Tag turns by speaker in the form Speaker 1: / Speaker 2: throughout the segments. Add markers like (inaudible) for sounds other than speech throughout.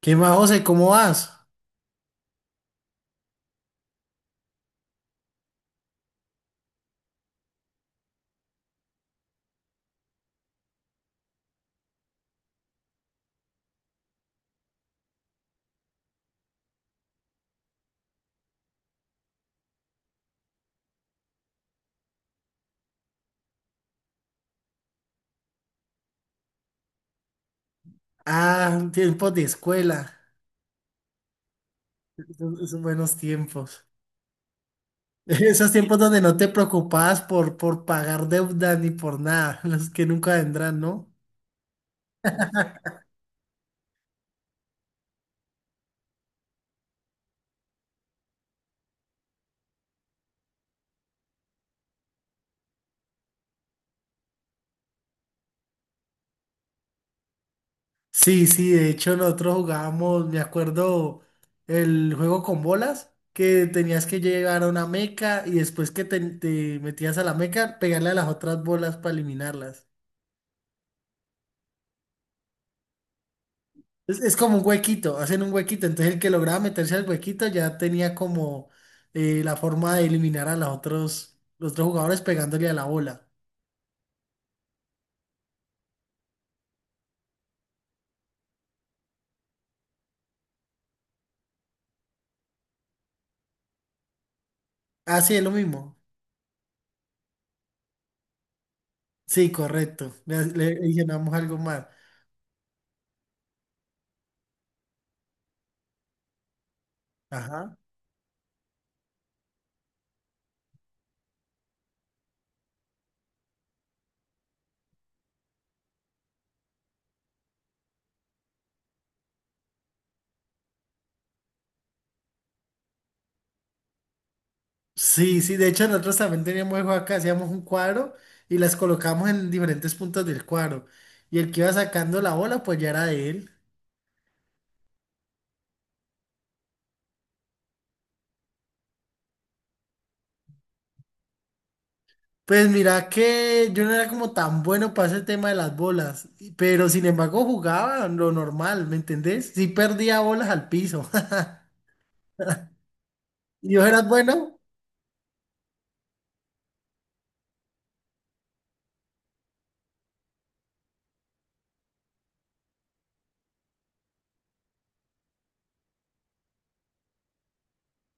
Speaker 1: ¿Qué más, José? ¿Cómo vas? Ah, tiempos de escuela, esos buenos tiempos. (laughs) Esos tiempos donde no te preocupabas por, pagar deuda ni por nada, (laughs) los que nunca vendrán, ¿no? Sí, sí, de hecho nosotros jugábamos, me acuerdo, el juego con bolas, que tenías que llegar a una meca y después que te metías a la meca, pegarle a las otras bolas para eliminarlas. Es como un huequito, hacen un huequito. Entonces el que lograba meterse al huequito ya tenía como la forma de eliminar a los otros jugadores pegándole a la bola. Ah, sí, es lo mismo. Sí, correcto. Le adicionamos algo más. Ajá. Sí, sí, de hecho nosotros también teníamos el juego acá, hacíamos un cuadro y las colocamos en diferentes puntos del cuadro. Y el que iba sacando la bola, pues ya era de él. Pues mira que yo no era como tan bueno para ese tema de las bolas, pero sin embargo jugaba lo normal, ¿me entendés? Sí perdía bolas al piso. (laughs) ¿Y vos eras bueno?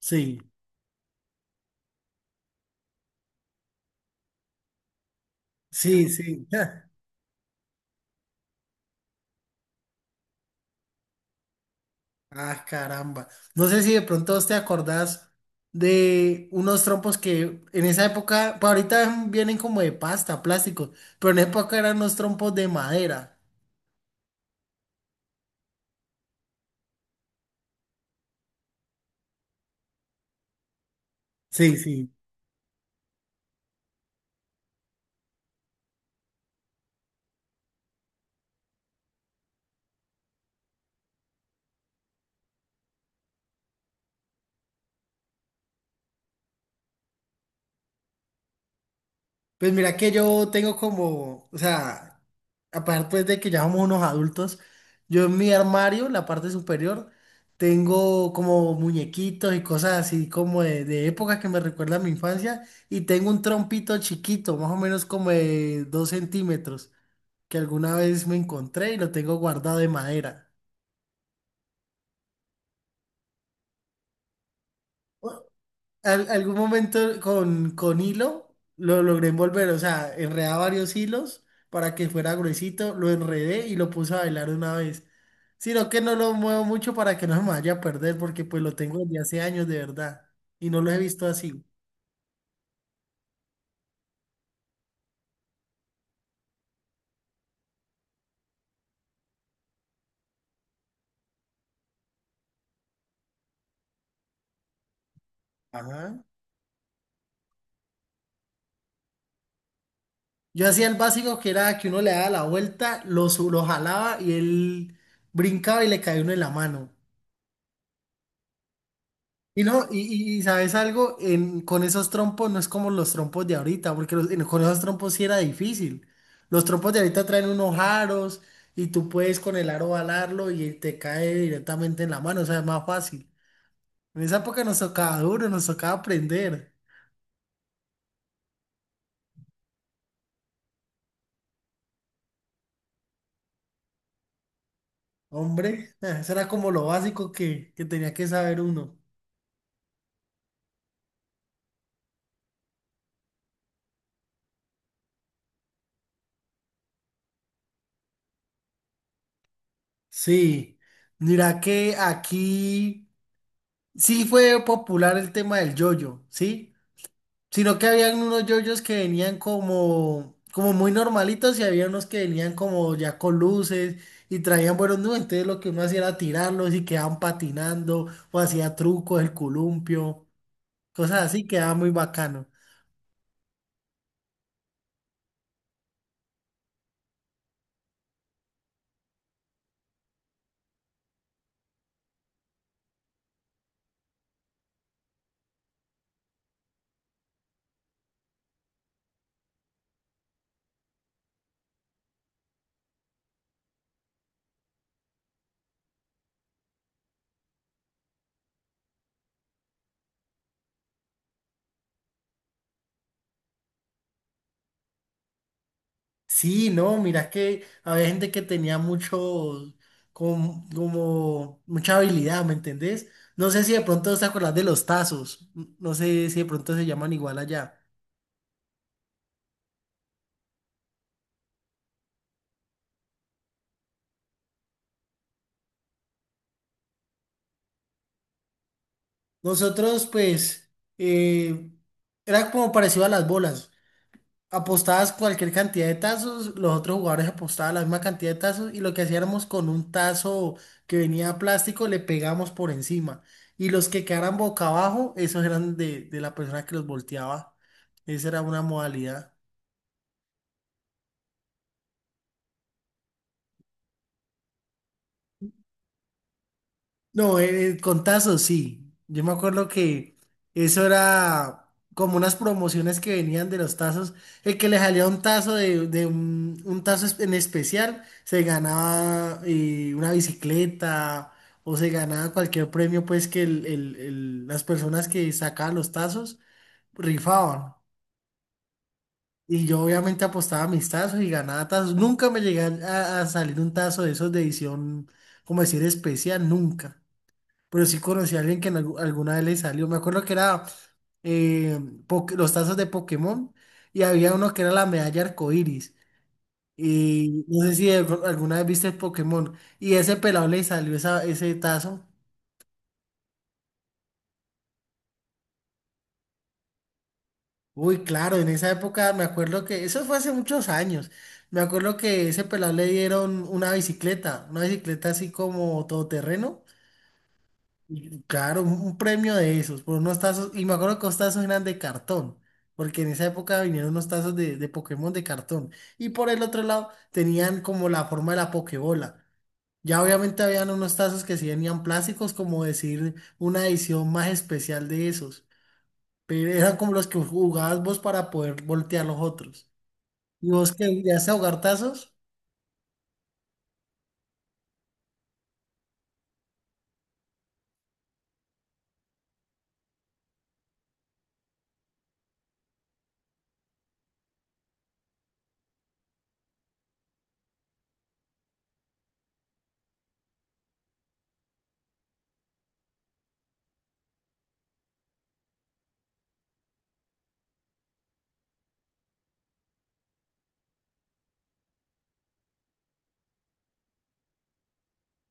Speaker 1: Sí, sí, sí. (laughs) Ah, caramba. No sé si de pronto vos te acordás de unos trompos que en esa época, pues ahorita vienen como de pasta, plásticos, pero en esa época eran unos trompos de madera. Sí, sí. Pues mira que yo tengo como, o sea, aparte pues de que ya somos unos adultos, yo en mi armario, la parte superior, tengo como muñequitos y cosas así como de época que me recuerda a mi infancia y tengo un trompito chiquito, más o menos como de 2 cm, que alguna vez me encontré y lo tengo guardado de madera. Algún momento con, hilo lo logré envolver, o sea, enredaba varios hilos para que fuera gruesito, lo enredé y lo puse a bailar una vez. Sino que no lo muevo mucho para que no se me vaya a perder, porque pues lo tengo desde hace años de verdad y no lo he visto así. Ajá. Yo hacía el básico que era que uno le daba la vuelta, lo jalaba y él brincaba y le caía uno en la mano. Y no, sabes algo, con esos trompos no es como los trompos de ahorita, porque con esos trompos sí era difícil. Los trompos de ahorita traen unos aros y tú puedes con el aro balarlo y te cae directamente en la mano, o sea, es más fácil. En esa época nos tocaba duro, nos tocaba aprender. Hombre, (laughs) eso era como lo básico que tenía que saber uno. Sí, mira que aquí sí fue popular el tema del yoyo, ¿sí? Sino que habían unos yoyos que venían como, muy normalitos y había unos que venían como ya con luces y traían buenos nubes. Entonces lo que uno hacía era tirarlos y quedaban patinando o hacía trucos, el columpio, cosas así, quedaba muy bacano. Sí, no, mira que había gente que tenía mucho, como, mucha habilidad, ¿me entendés? No sé si de pronto te acuerdas de los tazos, no sé si de pronto se llaman igual allá. Nosotros, pues, eh, era como parecido a las bolas. Apostabas cualquier cantidad de tazos, los otros jugadores apostaban la misma cantidad de tazos y lo que hacíamos con un tazo que venía plástico, le pegamos por encima. Y los que quedaran boca abajo, esos eran de la persona que los volteaba. Esa era una modalidad. No, contazo, sí. Yo me acuerdo que eso era como unas promociones que venían de los tazos. El que le salía un tazo de un tazo en especial, se ganaba una bicicleta o se ganaba cualquier premio, pues que las personas que sacaban los tazos rifaban. Y yo obviamente apostaba mis tazos y ganaba tazos. Nunca me llegué a salir un tazo de esos de edición, como decir, especial, nunca pero sí conocí a alguien que en alguna vez le salió. Me acuerdo que era eh, los tazos de Pokémon y había uno que era la medalla arcoíris. Y no sé si alguna vez viste Pokémon y ese pelado le salió ese tazo. Uy, claro, en esa época me acuerdo que eso fue hace muchos años. Me acuerdo que ese pelado le dieron una bicicleta así como todoterreno. Claro, un premio de esos, por unos tazos, y me acuerdo que los tazos eran de cartón, porque en esa época vinieron unos tazos de Pokémon de cartón, y por el otro lado tenían como la forma de la Pokébola. Ya obviamente habían unos tazos que sí venían plásticos, como decir una edición más especial de esos, pero eran como los que jugabas vos para poder voltear los otros. ¿Y vos que llegaste a jugar tazos?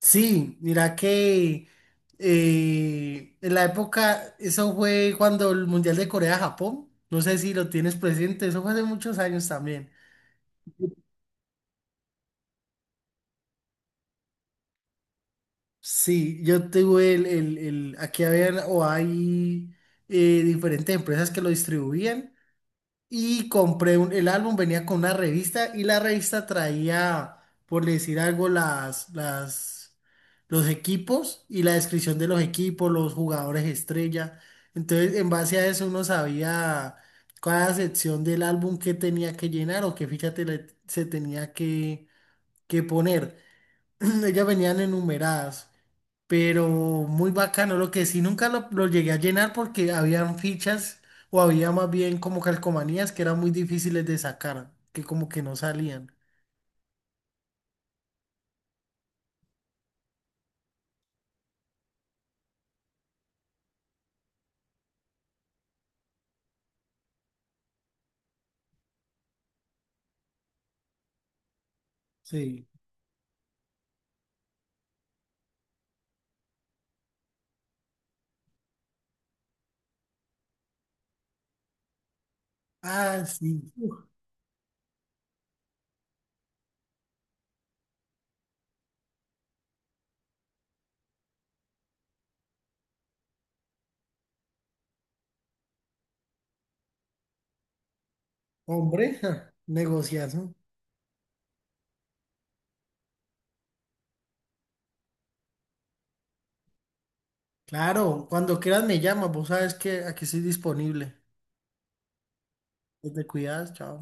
Speaker 1: Sí, mira que en la época, eso fue cuando el Mundial de Corea-Japón, no sé si lo tienes presente, eso fue hace muchos años también. Sí, yo tuve aquí habían o hay diferentes empresas que lo distribuían. Y compré el álbum, venía con una revista y la revista traía, por decir algo, las, los equipos y la descripción de los equipos, los jugadores estrella. Entonces, en base a eso uno sabía cada sección del álbum que tenía que llenar o qué ficha se tenía que poner. (clears throat) Ellas venían enumeradas, pero muy bacano. Lo que sí nunca lo llegué a llenar porque habían fichas o había más bien como calcomanías que eran muy difíciles de sacar, que como que no salían. Sí. Ah, sí. Uf, hombre, (laughs) negociazo. Claro, cuando quieras me llamas, vos sabes que aquí estoy disponible. Te cuidas, chao.